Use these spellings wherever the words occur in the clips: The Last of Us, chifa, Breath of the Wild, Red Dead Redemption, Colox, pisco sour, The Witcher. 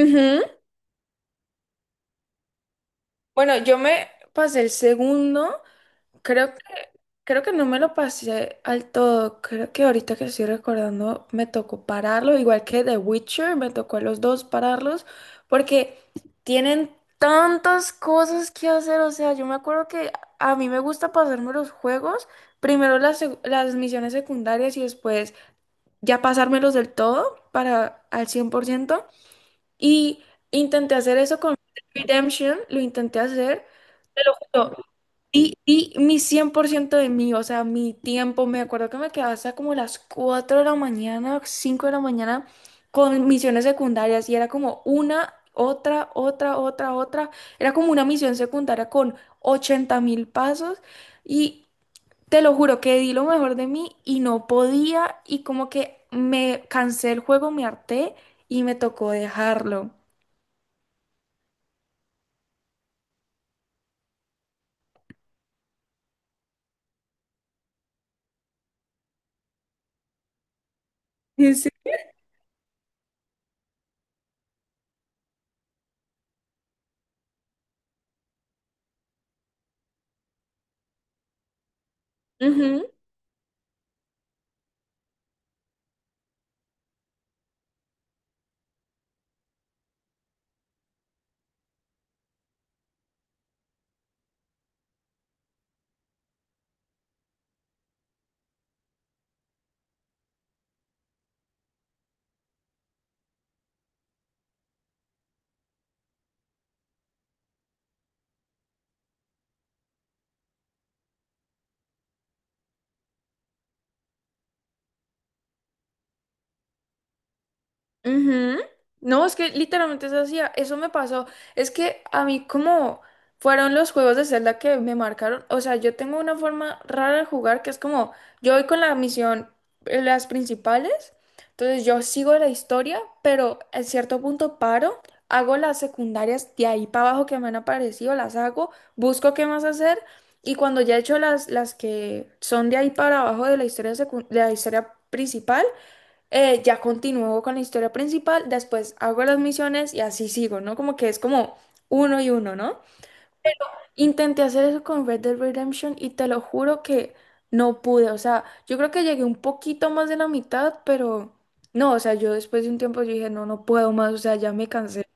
Ujú. Bueno, yo me pasé el segundo, creo que, creo que no me lo pasé al todo, creo que ahorita que estoy recordando me tocó pararlo, igual que The Witcher, me tocó a los dos pararlos, porque tienen tantas cosas que hacer, o sea, yo me acuerdo que a mí me gusta pasarme los juegos, primero las misiones secundarias y después ya pasármelos del todo para al 100%. Y intenté hacer eso con Redemption, lo intenté hacer, te lo juro, di mi 100% de mí, o sea, mi tiempo, me acuerdo que me quedaba hasta como las 4 de la mañana, 5 de la mañana, con misiones secundarias, y era como una, otra, otra, otra, otra, era como una misión secundaria con 80.000 pasos, y te lo juro que di lo mejor de mí y no podía, y como que me cansé el juego, me harté, y me tocó dejarlo. ¿En serio? Ujú, ujú. No, es que literalmente eso hacía, eso me pasó. Es que a mí como fueron los juegos de Zelda que me marcaron, o sea, yo tengo una forma rara de jugar que es como, yo voy con la misión, las principales, entonces yo sigo la historia, pero en cierto punto paro, hago las secundarias de ahí para abajo que me han aparecido, las hago, busco qué más hacer. Y cuando ya he hecho las que son de ahí para abajo de la historia, de la historia principal, ya continúo con la historia principal, después hago las misiones y así sigo, ¿no? Como que es como uno y uno, ¿no? Pero intenté hacer eso con Red Dead Redemption y te lo juro que no pude. O sea, yo creo que llegué un poquito más de la mitad, pero no, o sea, yo después de un tiempo yo dije, no, no puedo más, o sea, ya me cansé.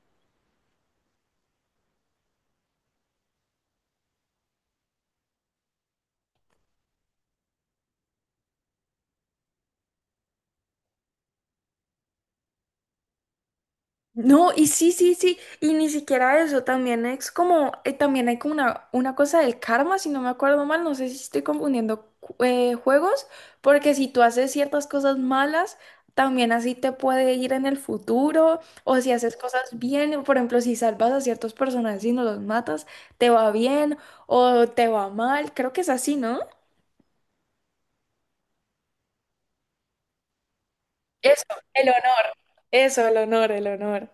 No, y sí, sí, sí, y ni siquiera eso, también es como, también hay como una cosa del karma, si no me acuerdo mal, no sé si estoy confundiendo juegos, porque si tú haces ciertas cosas malas, también así te puede ir en el futuro, o si haces cosas bien, por ejemplo, si salvas a ciertos personajes y no los matas, te va bien o te va mal, creo que es así, ¿no? Eso, el honor, eso, el honor, el honor.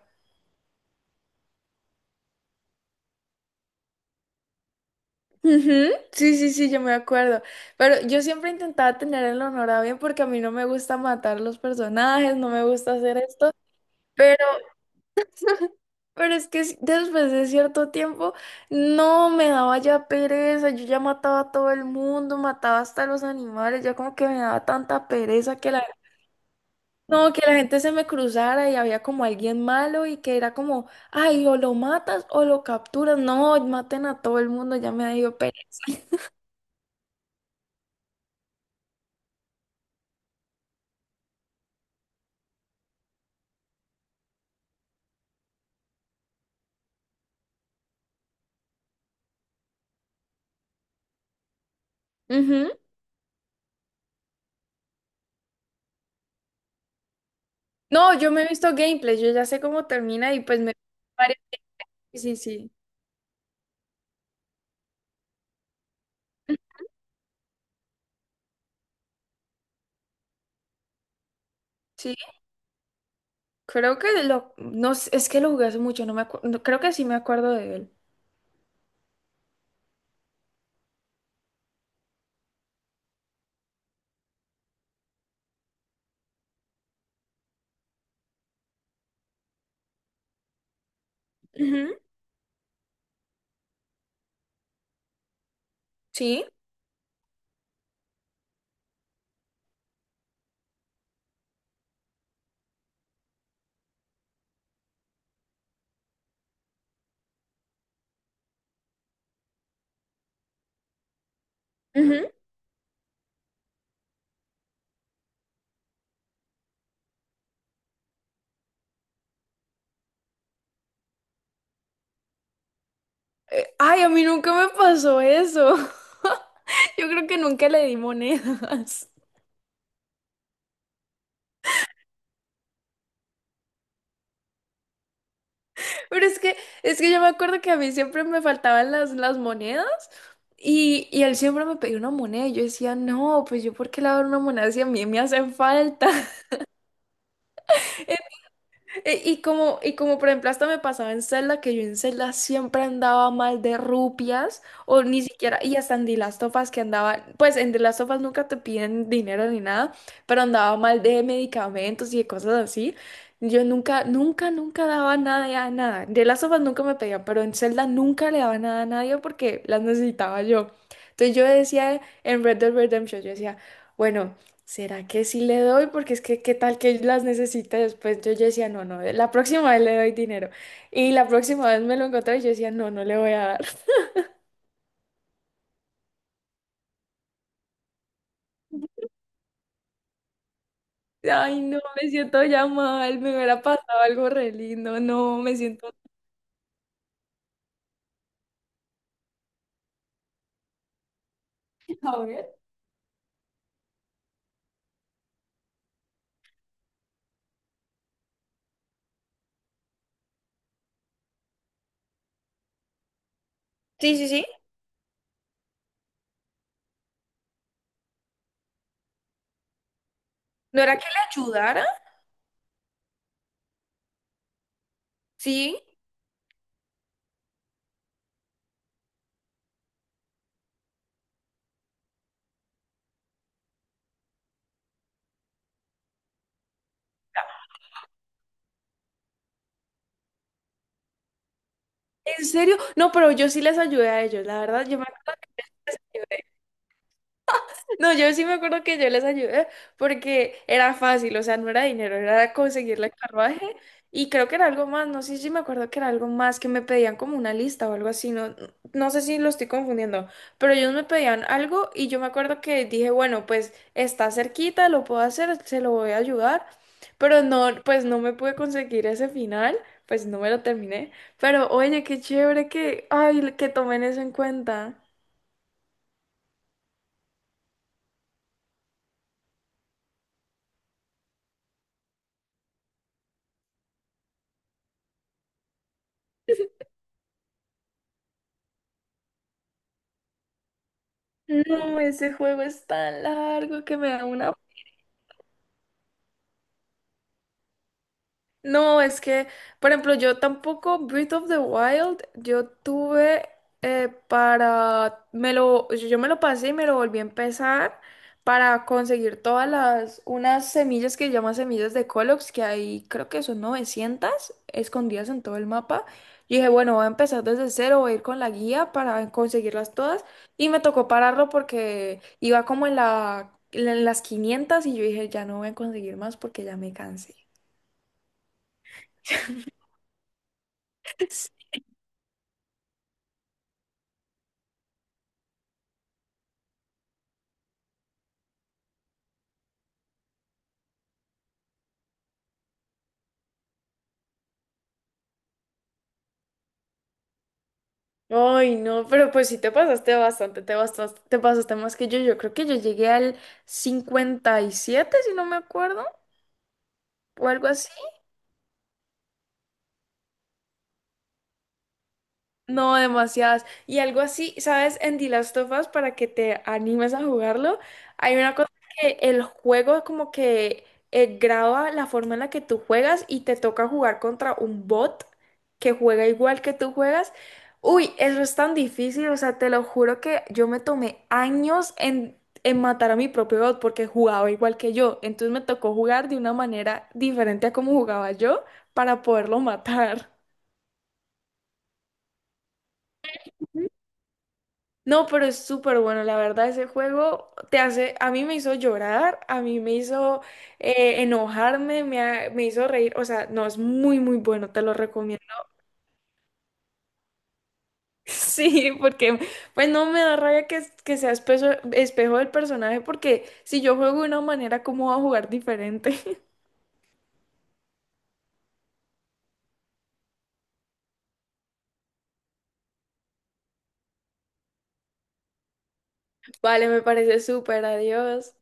Ujú, sí, sí, sí, yo me acuerdo. Pero yo siempre intentaba tener el honor porque a mí no me gusta matar los personajes, no me gusta hacer esto. Pero, pero es que después de cierto tiempo, no me daba ya pereza. Yo ya mataba a todo el mundo, mataba hasta los animales. Ya como que me daba tanta pereza que no, que la gente se me cruzara y había como alguien malo y que era como, ay, o lo matas o lo capturas. No, maten a todo el mundo, ya me dio pereza. No, yo me he visto gameplay, yo ya sé cómo termina y pues me... varias- Sí, sí. Sí, creo que no, sé, es que lo jugué hace mucho, no me acuerdo... creo que sí me acuerdo de él. Ujú, sí. Ujú. Ay, a mí nunca me pasó eso. Yo creo que nunca le di monedas. Pero es que yo me acuerdo que a mí siempre me faltaban las monedas y él siempre me pedía una moneda y yo decía, no, pues yo por qué le voy a dar una moneda si a mí me hacen falta. Y como por ejemplo hasta me pasaba en Zelda, que yo en Zelda siempre andaba mal de rupias, o ni siquiera, y hasta en The Last of Us que andaba, pues en The Last of Us nunca te piden dinero ni nada, pero andaba mal de medicamentos y de cosas así. Yo nunca, nunca, nunca daba nada a nada. En The Last of Us nunca me pedían, pero en Zelda nunca le daba nada a nadie porque las necesitaba yo. Entonces yo decía en Red Dead Redemption, yo decía, bueno. ¿Será que sí le doy? Porque es que qué tal que las necesite después. Yo decía, no, no, la próxima vez le doy dinero. Y la próxima vez me lo encontré y yo decía, no, no le voy a dar. Ay, no, me siento ya mal, me hubiera pasado algo re lindo, no, me siento... A ver. Sí, sí, sí. ¿No era que le ayudara? Sí. ¿En serio? No, pero yo sí les ayudé a ellos, la verdad, yo me acuerdo. No, yo sí me acuerdo que yo les ayudé porque era fácil, o sea, no era dinero, era conseguirle el carruaje y creo que era algo más, no sé si me acuerdo que era algo más que me pedían como una lista o algo así, no, no sé si lo estoy confundiendo, pero ellos me pedían algo y yo me acuerdo que dije, bueno, pues está cerquita, lo puedo hacer, se lo voy a ayudar, pero no, pues no me pude conseguir ese final, pues no me lo terminé, pero oye, qué chévere que, ay, que tomen eso en cuenta. No, ese juego es tan largo que me da una. No, es que, por ejemplo, yo tampoco Breath of the Wild, yo tuve para, me lo, yo yo me lo pasé y me lo volví a empezar para conseguir todas las, unas semillas que llaman semillas de Colox, que hay, creo que son 900 escondidas en todo el mapa. Y dije, bueno, voy a empezar desde cero, voy a ir con la guía para conseguirlas todas. Y me tocó pararlo porque iba como en las 500 y yo dije, ya no voy a conseguir más porque ya me cansé. Ay, no, pero pues sí te pasaste bastante, te pasaste más que yo. Yo creo que yo llegué al 57 si no me acuerdo, o algo así. No, demasiadas. Y algo así, ¿sabes? En The Last of Us, para que te animes a jugarlo, hay una cosa que el juego como que graba la forma en la que tú juegas y te toca jugar contra un bot que juega igual que tú juegas. Uy, eso es tan difícil, o sea, te lo juro que yo me tomé años en matar a mi propio bot porque jugaba igual que yo. Entonces me tocó jugar de una manera diferente a como jugaba yo para poderlo matar. No, pero es súper bueno, la verdad, ese juego te hace, a mí me hizo llorar, a mí me hizo enojarme, me hizo reír, o sea, no, es muy, muy bueno, te lo recomiendo. Sí, porque pues no me da rabia que sea espejo del personaje, porque si yo juego de una manera, ¿cómo voy a jugar diferente? Vale, me parece súper, adiós.